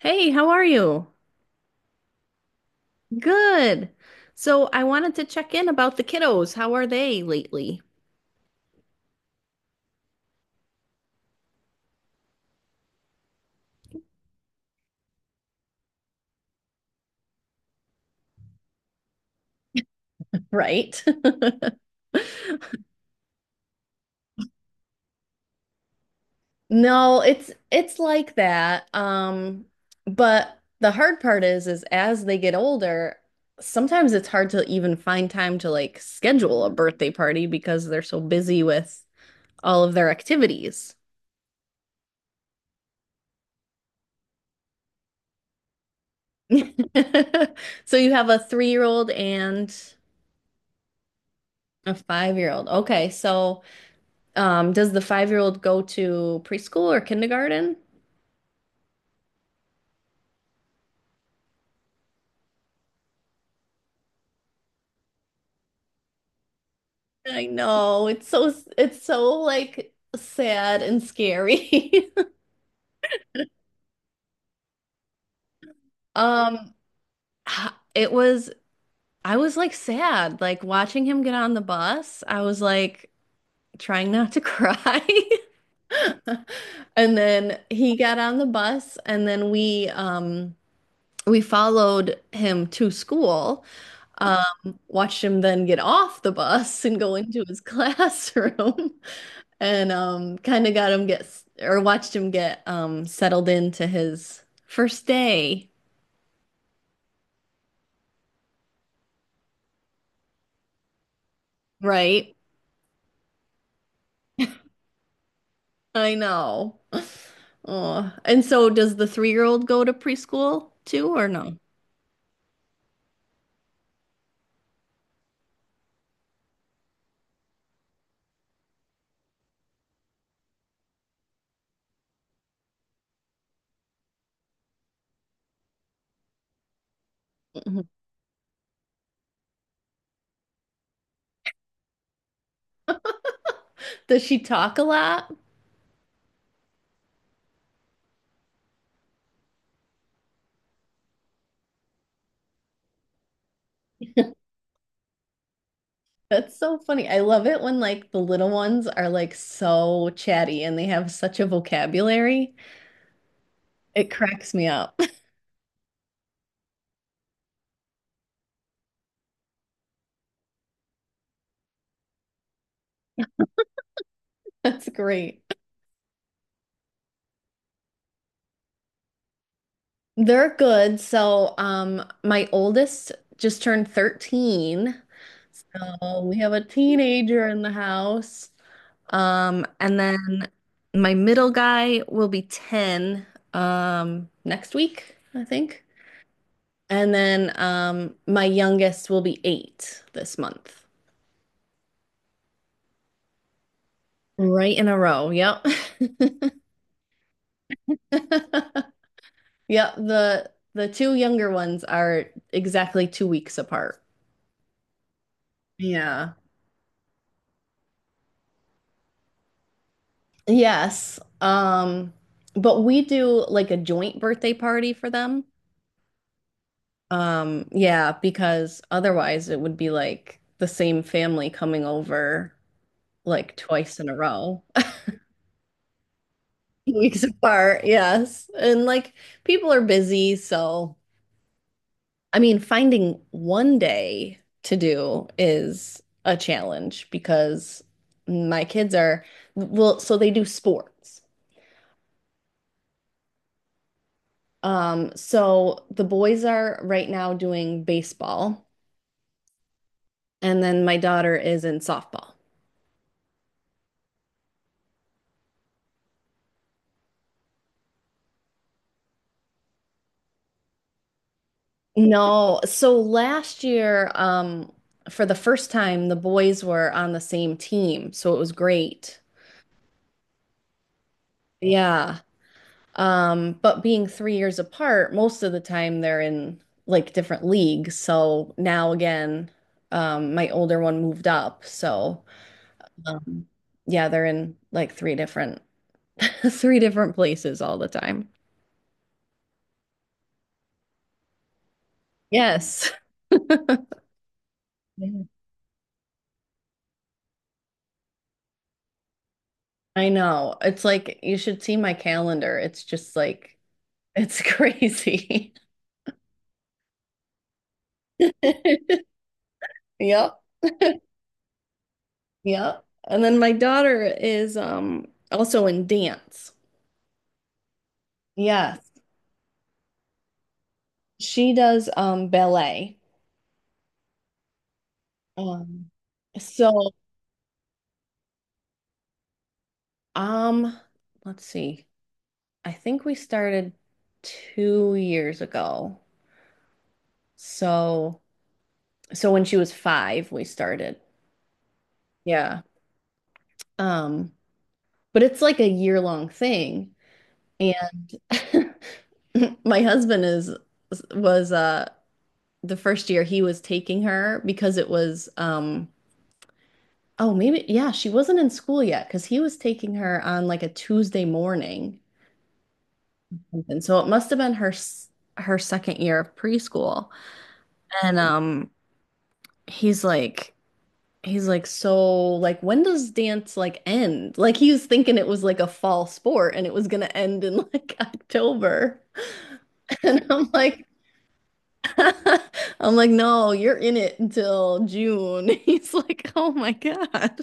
Hey, how are you? Good. So I wanted to check in about the kiddos. How are they lately? Right. No, it's like that. But the hard part is as they get older, sometimes it's hard to even find time to like schedule a birthday party because they're so busy with all of their activities. So you have a three-year-old and a five-year-old. Okay, so does the five-year-old go to preschool or kindergarten? I know, it's so like sad and scary. Um, it was I was like sad, like watching him get on the bus. I was like trying not to cry. And then he got on the bus and then we followed him to school. Um, Watched him then get off the bus and go into his classroom and kind of got him get or watched him get settled into his first day, right? I know. Oh, and so does the three-year-old go to preschool too, or no? Mhm. Does she talk a lot? That's so funny. I love it when like the little ones are like so chatty and they have such a vocabulary. It cracks me up. That's great. They're good. So, my oldest just turned 13. So we have a teenager in the house. And then my middle guy will be 10, next week, I think. And then, my youngest will be eight this month. Right in a row. Yep. Yep. The two younger ones are exactly 2 weeks apart. Yeah. Yes. But we do like a joint birthday party for them. Yeah, because otherwise it would be like the same family coming over like twice in a row, weeks apart. Yes. And like people are busy, so I mean, finding one day to do is a challenge because my kids are well, so they do sports. So the boys are right now doing baseball, and then my daughter is in softball. No, so last year, for the first time, the boys were on the same team, so it was great. Yeah. But being 3 years apart, most of the time they're in like different leagues. So now again, my older one moved up, so um, yeah, they're in like three different three different places all the time. Yes. Yeah. I know. It's like you should see my calendar. It's just like it's crazy. Yep. Yep. And then my daughter is also in dance. Yes. She does ballet. Um so um let's see. I think we started 2 years ago. So so when she was five, we started. Yeah. Um, but it's like a year long thing. My husband is was the first year he was taking her because it was oh maybe yeah she wasn't in school yet because he was taking her on like a Tuesday morning and so it must have been her second year of preschool and he's like he's like so like when does dance like end like he was thinking it was like a fall sport and it was gonna end in like October and I'm like I'm like, no, you're in it until June. He's like, oh my God.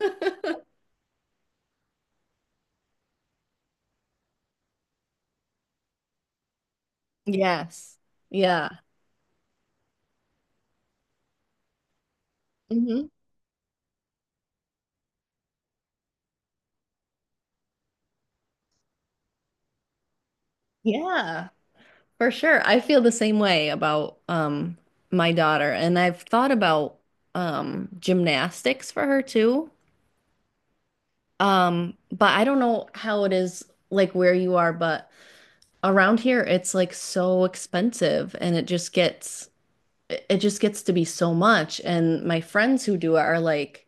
Yes. Yeah. Hmm. Yeah, for sure. I feel the same way about my daughter, and I've thought about gymnastics for her too. But I don't know how it is like where you are, but around here it's like so expensive and it just gets it just gets to be so much. And my friends who do it are like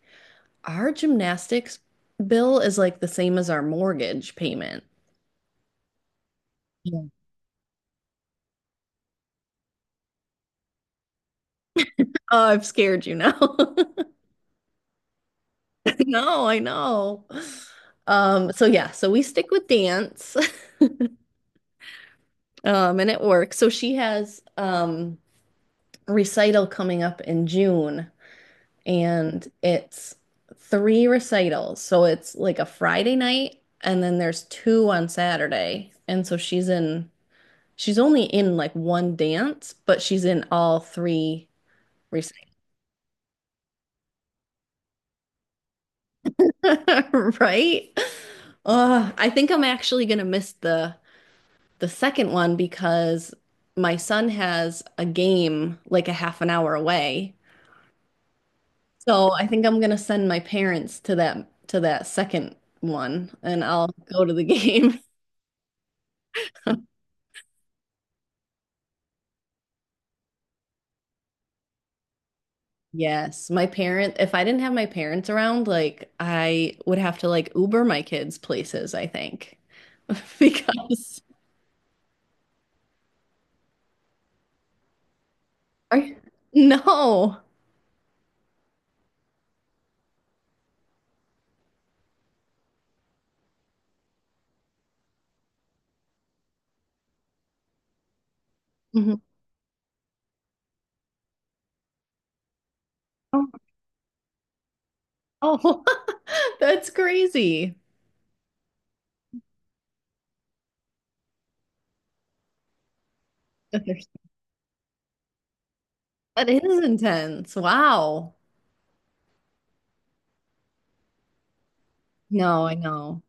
our gymnastics bill is like the same as our mortgage payment. Yeah. Oh, I've scared you now. No, I know. So yeah, so we stick with dance, and it works. So she has recital coming up in June, and it's three recitals. So it's like a Friday night, and then there's two on Saturday. And so she's only in like one dance, but she's in all three recitals. Right? I think I'm actually gonna miss the second one because my son has a game like a half an hour away. So I think I'm gonna send my parents to that second one and I'll go to the game. Yes, my parent, if I didn't have my parents around, like I would have to like Uber my kids places, I think. Because Are you- no. Mhm. Oh, that's crazy. That is intense. Wow. No, I know.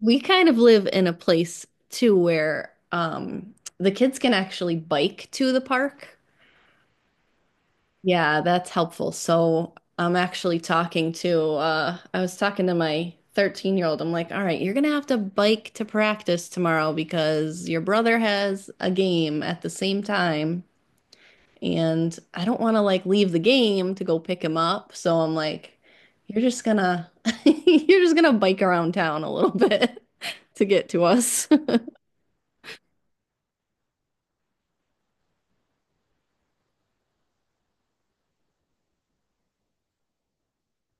We kind of live in a place too where the kids can actually bike to the park. Yeah, that's helpful. So I'm actually talking to my 13-year-old year old. I'm like, all right, you're gonna have to bike to practice tomorrow because your brother has a game at the same time. And I don't want to like leave the game to go pick him up. So I'm like, you're just gonna you're just gonna bike around town a little bit to get to us.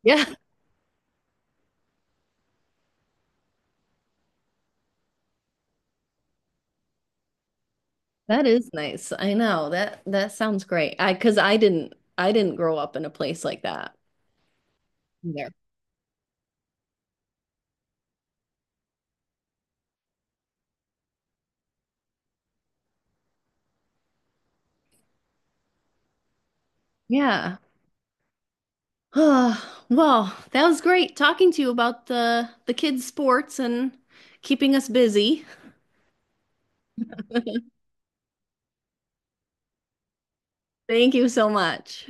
Yeah, that is nice. I know. That that sounds great. I because I didn't grow up in a place like that either. Yeah. Well, that was great talking to you about the kids' sports and keeping us busy. Thank you so much.